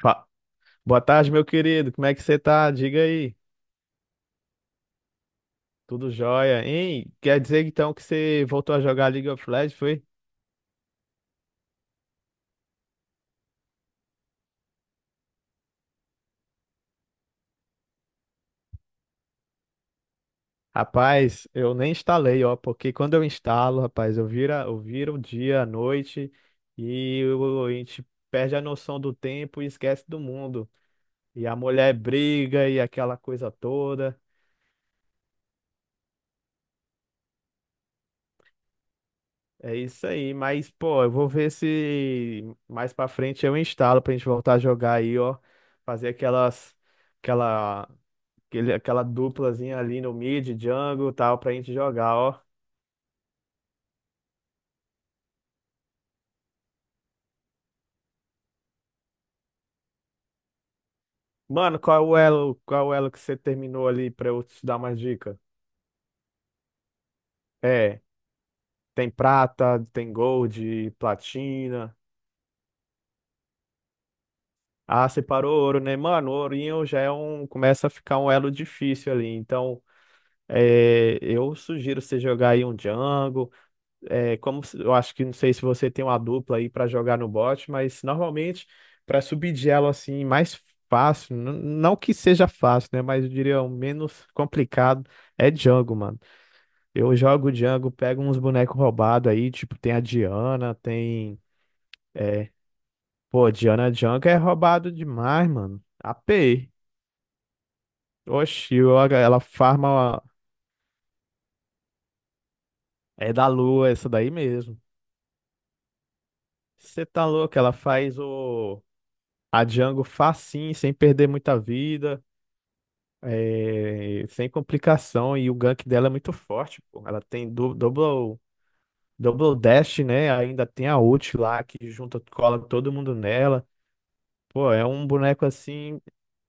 Fa- Boa tarde, meu querido. Como é que você tá? Diga aí. Tudo jóia, hein? Quer dizer então que você voltou a jogar League of Legends, foi? Rapaz, eu nem instalei, ó, porque quando eu instalo, rapaz, eu viro o dia, a noite a gente perde a noção do tempo e esquece do mundo. E a mulher briga e aquela coisa toda. É isso aí, mas pô, eu vou ver se mais pra frente eu instalo pra gente voltar a jogar aí, ó, fazer aquela aquela duplazinha ali no mid, jungle e tal, pra gente jogar, ó. Mano, qual é o elo que você terminou ali pra eu te dar mais dica? É, tem prata, tem gold, platina. Ah, separou ouro, né? Mano, o ourinho já é um, começa a ficar um elo difícil ali. Então, é, eu sugiro você jogar aí um jungle. É, como se- eu acho que não sei se você tem uma dupla aí para jogar no bot, mas normalmente para subir de elo assim mais fácil, não que seja fácil, né, mas eu diria o menos complicado é Django, mano. Eu jogo Django, pego uns bonecos roubados aí, tipo tem a Diana, tem é, pô, Diana Django é roubado demais, mano. AP. Oxi, ela farma é da lua essa daí mesmo. Você tá louco, ela faz o A Django facinho, sem perder muita vida, é, sem complicação, e o gank dela é muito forte, pô. Ela tem double, double dash, né? Ainda tem a ult lá que junta, cola todo mundo nela. Pô, é um boneco assim,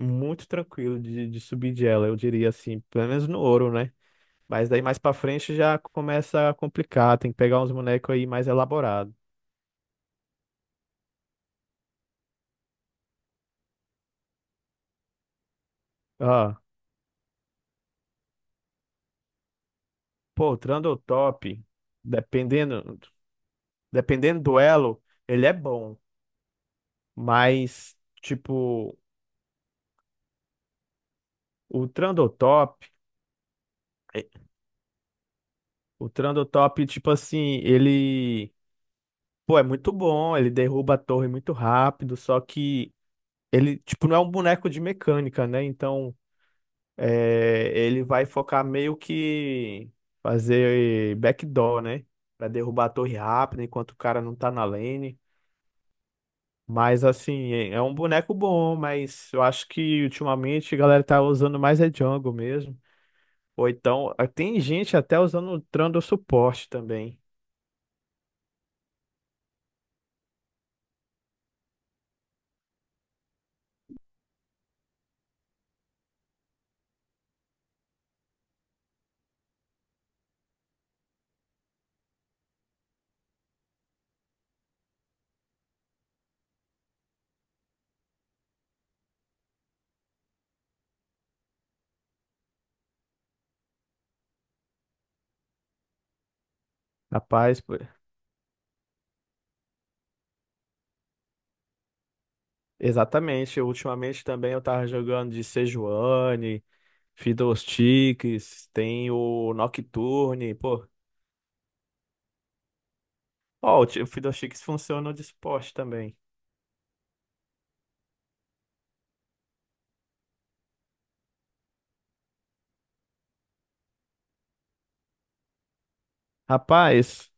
muito tranquilo de subir de ela, eu diria assim, pelo menos no ouro, né? Mas daí mais pra frente já começa a complicar, tem que pegar uns bonecos aí mais elaborados. Ah, pô, o Trundle top, dependendo, dependendo do elo. Ele é bom, mas, tipo, o Trandotop, é, o Trandotop, tipo assim, ele, pô, é muito bom, ele derruba a torre muito rápido, só que ele, tipo, não é um boneco de mecânica, né? Então, é, ele vai focar meio que fazer backdoor, né? Pra derrubar a torre rápido enquanto o cara não tá na lane. Mas, assim, é um boneco bom, mas eu acho que ultimamente a galera tá usando mais é jungle mesmo. Ou então, ah, tem gente até usando o Trando suporte também. Rapaz, pô, exatamente. Ultimamente também eu tava jogando de Sejuani, Fiddlesticks, tem o Nocturne, pô. Ó, o Fiddlesticks funciona de suporte também. Rapaz,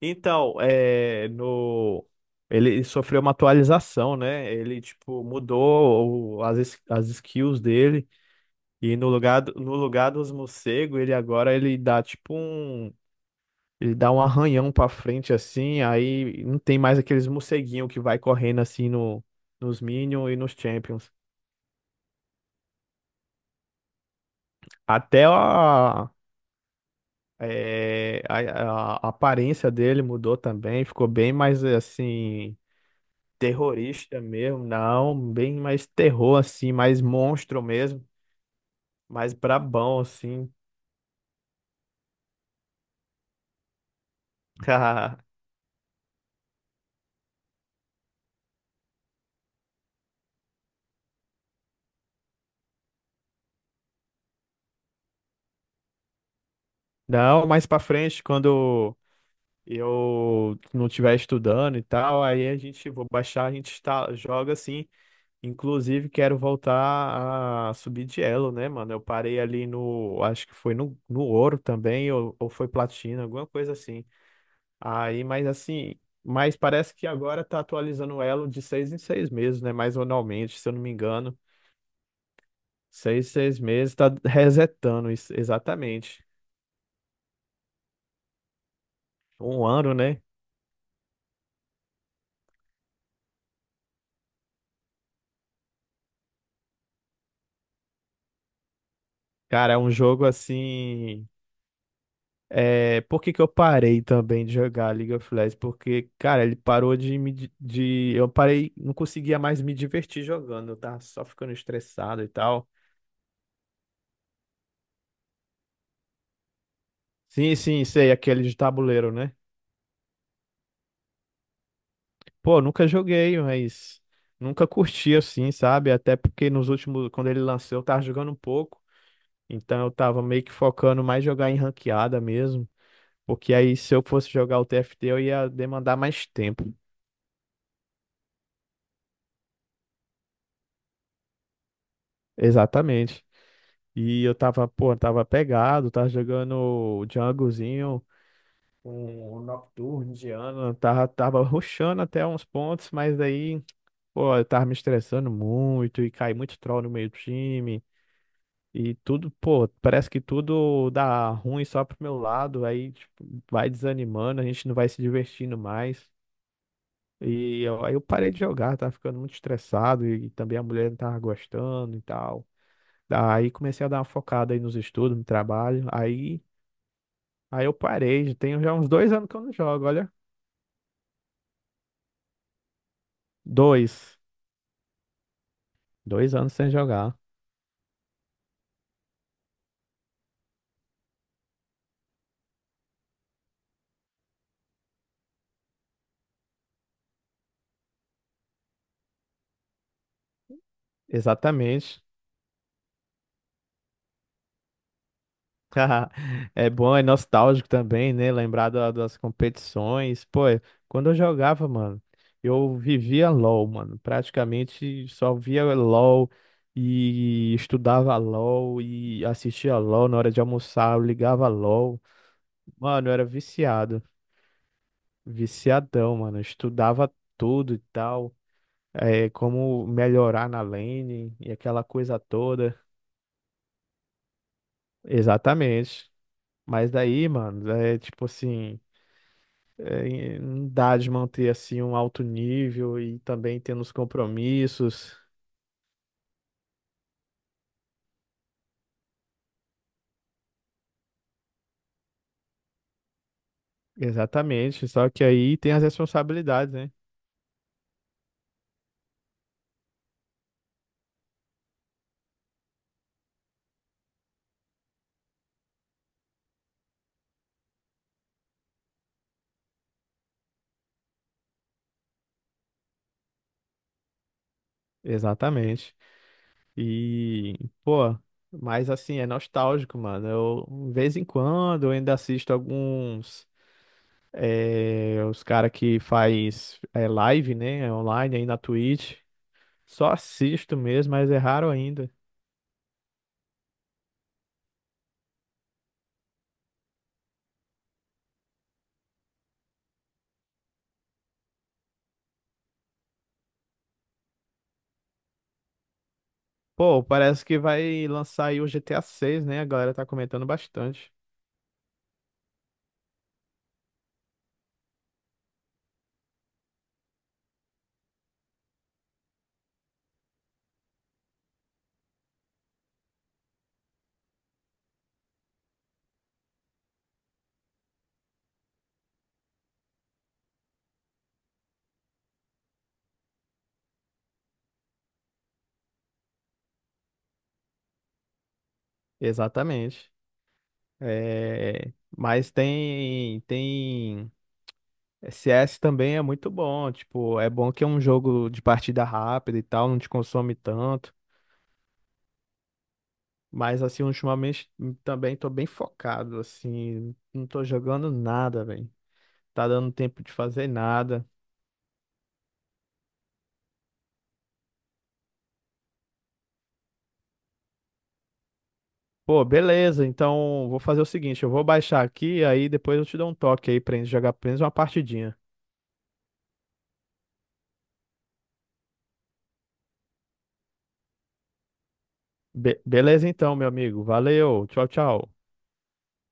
então, é, no... Ele sofreu uma atualização, né? Ele, tipo, mudou as skills dele. E no lugar dos morcegos, ele agora ele dá, tipo, um... Ele dá um arranhão pra frente assim, aí não tem mais aqueles morceguinho que vai correndo assim no, nos Minions e nos Champions. Até a, é, a aparência dele mudou também, ficou bem mais assim, terrorista mesmo, não, bem mais terror assim, mais monstro mesmo, mais brabão assim. Não, mais pra frente, quando eu não estiver estudando e tal, aí vou baixar, a gente está, joga assim. Inclusive, quero voltar a subir de elo, né, mano? Eu parei ali acho que foi no, no ouro também, ou foi platina, alguma coisa assim. Aí, mas assim, mas parece que agora tá atualizando o elo de seis em seis meses, né? Mais anualmente, se eu não me engano. Seis meses, tá resetando isso, exatamente. Um ano, né? Cara, é um jogo assim. É, por que que eu parei também de jogar League of Legends? Porque, cara, ele parou de me. Di- De, eu parei, não conseguia mais me divertir jogando, eu tava só ficando estressado e tal. Sim, sei, aquele de tabuleiro, né? Pô, nunca joguei, mas nunca curti assim, sabe? Até porque nos últimos, quando ele lançou, eu tava jogando um pouco, então eu tava meio que focando mais jogar em ranqueada mesmo, porque aí se eu fosse jogar o TFT, eu ia demandar mais tempo. Exatamente. E eu tava, pô, tava pegado, tava jogando o Junglezinho, um Nocturne indiano, tava rushando até uns pontos, mas daí, pô, eu tava me estressando muito e caí muito troll no meio do time. E tudo, pô, parece que tudo dá ruim só pro meu lado, aí tipo, vai desanimando, a gente não vai se divertindo mais. Aí eu parei de jogar, tava ficando muito estressado e, também a mulher não tava gostando e tal. Aí comecei a dar uma focada aí nos estudos, no trabalho. Aí eu parei, tenho já uns dois anos que eu não jogo, olha. Dois. Dois anos sem jogar. Exatamente. É bom, é nostálgico também, né? Lembrar das competições. Pô, é, quando eu jogava, mano, eu vivia LOL, mano. Praticamente só via LOL e estudava LOL e assistia LOL na hora de almoçar, eu ligava LOL. Mano, eu era viciado. Viciadão, mano. Eu estudava tudo e tal. É, como melhorar na lane e aquela coisa toda. Exatamente. Mas daí, mano, é tipo assim, é, não dá de manter assim um alto nível e também tendo os compromissos. Exatamente. Só que aí tem as responsabilidades, né? Exatamente. E, pô, mas assim, é nostálgico, mano. Eu, de vez em quando, eu ainda assisto alguns, os cara que faz live, né, online aí na Twitch. Só assisto mesmo, mas é raro ainda. Pô, parece que vai lançar aí o GTA 6, né? A galera tá comentando bastante. Exatamente. É... tem... CS também é muito bom. Tipo, é bom que é um jogo de partida rápida e tal, não te consome tanto. Mas, assim, ultimamente também tô bem focado, assim. Não tô jogando nada, velho. Tá dando tempo de fazer nada. Pô, beleza. Então vou fazer o seguinte, eu vou baixar aqui, aí depois eu te dou um toque aí pra gente jogar pelo menos uma partidinha. Beleza então, meu amigo. Valeu. Tchau, tchau.